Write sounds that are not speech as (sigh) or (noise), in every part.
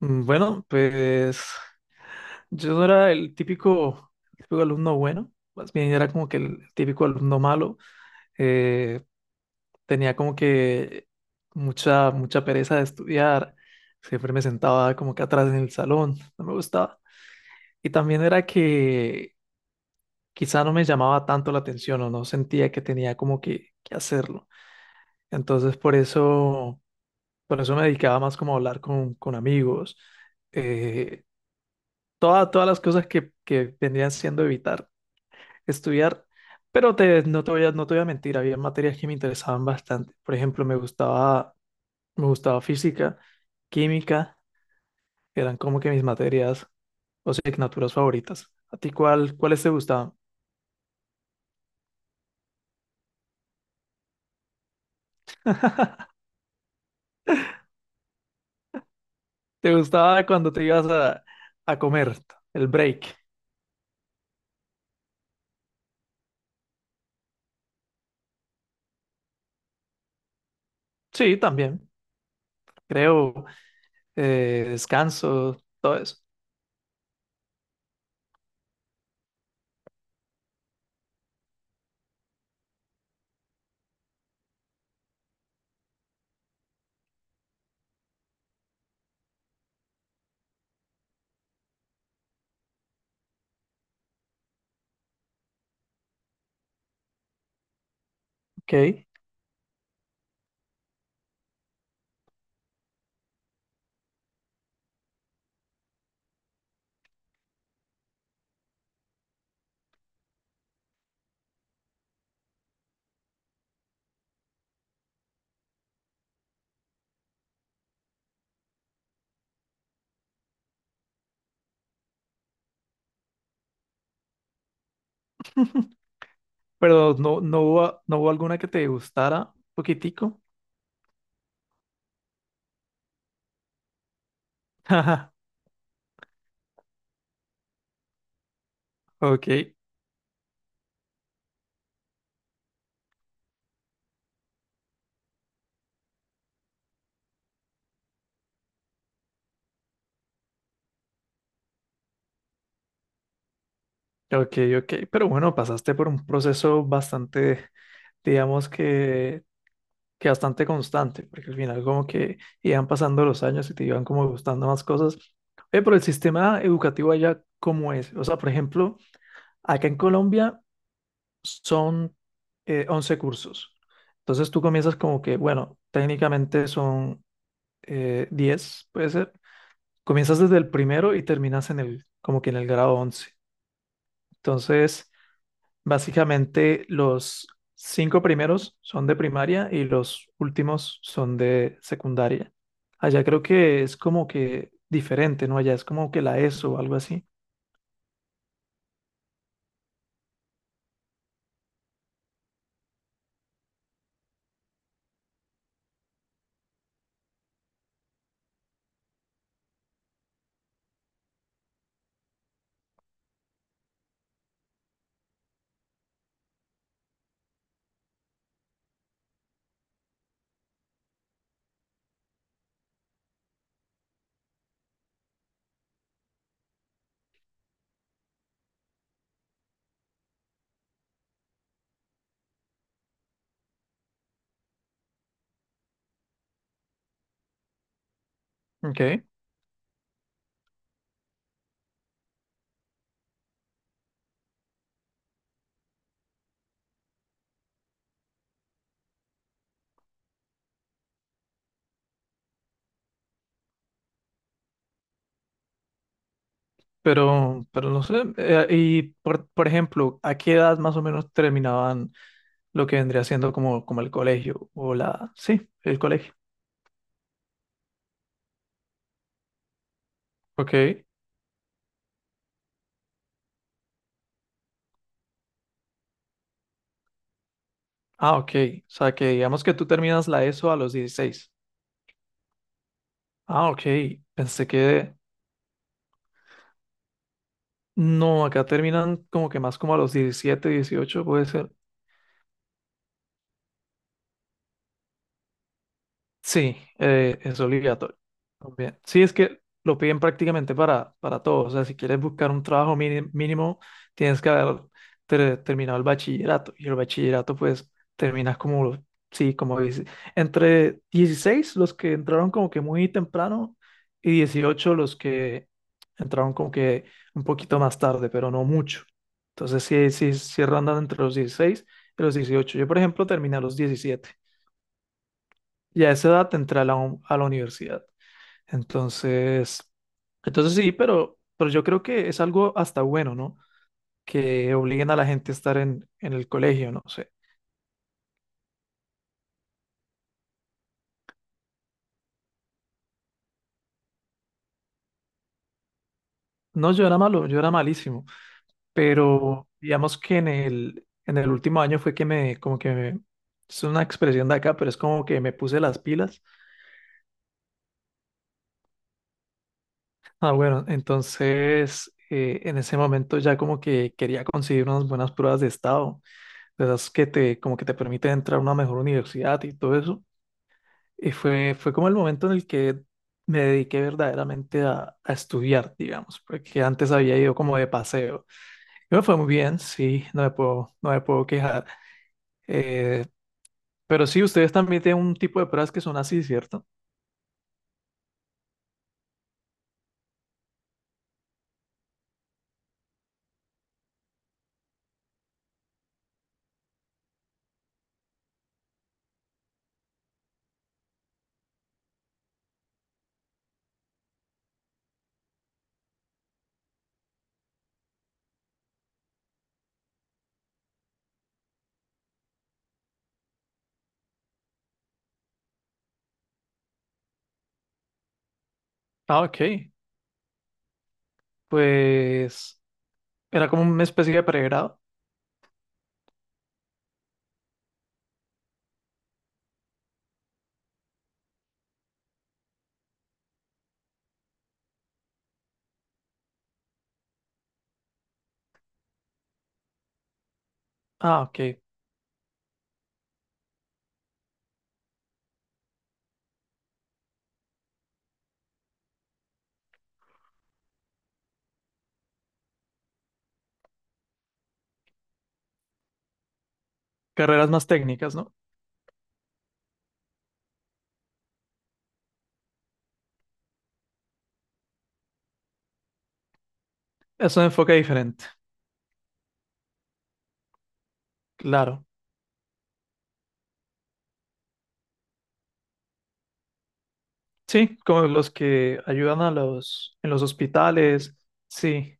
Bueno, pues yo no era el típico alumno bueno, más bien era como que el típico alumno malo. eh, Tenía como que mucha pereza de estudiar, siempre me sentaba como que atrás en el salón, no me gustaba. Y también era que quizá no me llamaba tanto la atención o no sentía que tenía como que hacerlo. Entonces por eso, por eso me dedicaba más como a hablar con amigos. eh, Todas las cosas que vendrían siendo evitar estudiar, pero te, no te voy a, no te voy a mentir, había materias que me interesaban bastante. Por ejemplo, me gustaba física, química, eran como que mis materias o asignaturas favoritas. ¿A ti cuáles te gustaban? (laughs) ¿Te gustaba cuando te ibas a comer el break? Sí, también. Creo, descanso, todo eso. Ok. (laughs) Pero no hubo, no hubo alguna que te gustara un poquitico. (laughs) Ajá, ok, ok, ok. Pero bueno, pasaste por un proceso bastante, digamos que bastante constante, porque al final como que iban pasando los años y te iban como gustando más cosas. Oye, pero el sistema educativo allá, ¿cómo es? O sea, por ejemplo, acá en Colombia son 11 cursos. Entonces tú comienzas como que, bueno, técnicamente son 10, puede ser. Comienzas desde el primero y terminas en el, como que en el grado 11. Entonces básicamente, los cinco primeros son de primaria y los últimos son de secundaria. Allá creo que es como que diferente, ¿no? Allá es como que la ESO o algo así. Ok, pero no sé. Y por ejemplo, ¿a qué edad más o menos terminaban lo que vendría siendo como, como el colegio o la... Sí, el colegio. Ok. Ah, ok. O sea, que digamos que tú terminas la ESO a los 16. Ah, ok. Pensé que no, acá terminan como que más como a los 17, 18, puede ser. Sí, es obligatorio también. Sí, es que lo piden prácticamente para todo. O sea, si quieres buscar un trabajo mínimo, tienes que haber terminado el bachillerato. Y el bachillerato, pues, terminas como, sí, como dice, entre 16 los que entraron como que muy temprano, y 18 los que entraron como que un poquito más tarde, pero no mucho. Entonces, sí rondan entre los 16 y los 18. Yo, por ejemplo, terminé a los 17. Y a esa edad te a la universidad. Entonces, entonces sí, pero yo creo que es algo hasta bueno, ¿no? Que obliguen a la gente a estar en el colegio, no sé. No, yo era malo, yo era malísimo, pero digamos que en en el último año fue que me, como que me, es una expresión de acá, pero es como que me puse las pilas. Ah, bueno, entonces en ese momento ya como que quería conseguir unas buenas pruebas de estado de esas que te, como que te permite entrar a una mejor universidad y todo eso. Y fue como el momento en el que me dediqué verdaderamente a estudiar, digamos, porque antes había ido como de paseo. Y me fue muy bien, sí, no me puedo quejar. Eh, pero sí, ustedes también tienen un tipo de pruebas que son así, ¿cierto? Ah, ok. Pues era como una especie de pregrado. Ah, ok. Carreras más técnicas, ¿no? Es un enfoque diferente. Claro. Sí, como los que ayudan a los en los hospitales. Sí.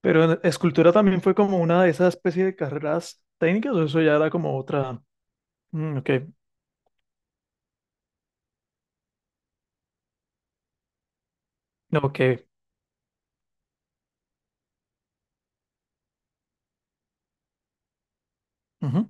Pero escultura también fue como una de esas especies de carreras técnicas, o eso ya era como otra. Mm, ok. No, ok. Ujú.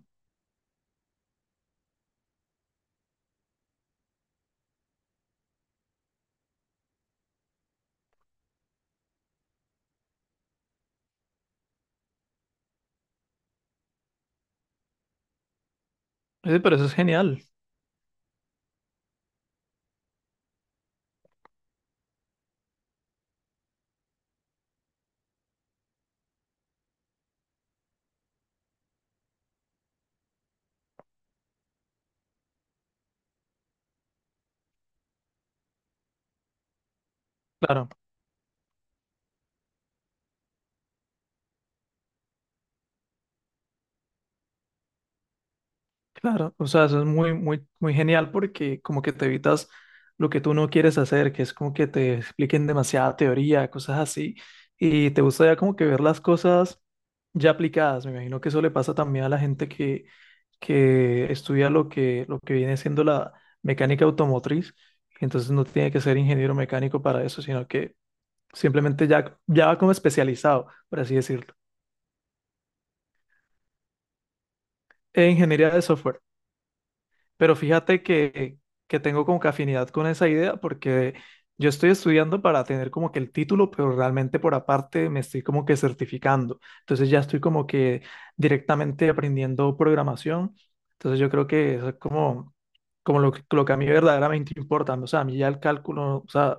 Sí, pero eso es genial. Claro. Claro, o sea, eso es muy, muy, muy genial porque como que te evitas lo que tú no quieres hacer, que es como que te expliquen demasiada teoría, cosas así, y te gusta ya como que ver las cosas ya aplicadas. Me imagino que eso le pasa también a la gente que estudia lo que viene siendo la mecánica automotriz, entonces no tiene que ser ingeniero mecánico para eso, sino que simplemente ya va como especializado, por así decirlo, en ingeniería de software. Pero fíjate que tengo como que afinidad con esa idea porque yo estoy estudiando para tener como que el título, pero realmente por aparte me estoy como que certificando. Entonces ya estoy como que directamente aprendiendo programación. Entonces yo creo que eso es como, lo que a mí verdaderamente importa. O sea, a mí ya el cálculo, o sea,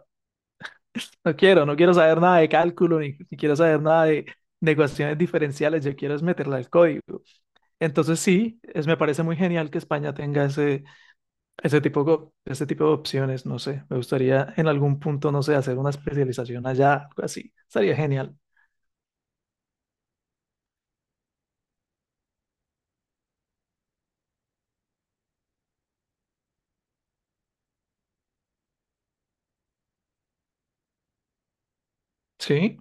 no quiero saber nada de cálculo ni quiero saber nada de, de ecuaciones diferenciales. Yo quiero es meterla al código. Entonces sí, es, me parece muy genial que España tenga ese ese tipo de opciones, no sé. Me gustaría en algún punto, no sé, hacer una especialización allá, algo así. Estaría genial. Sí.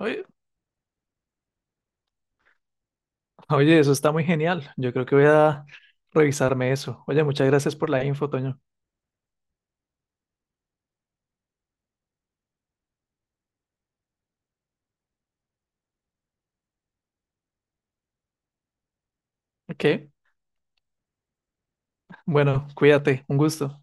Oye, Oye, eso está muy genial. Yo creo que voy a revisarme eso. Oye, muchas gracias por la info, Toño. Ok. Bueno, cuídate. Un gusto.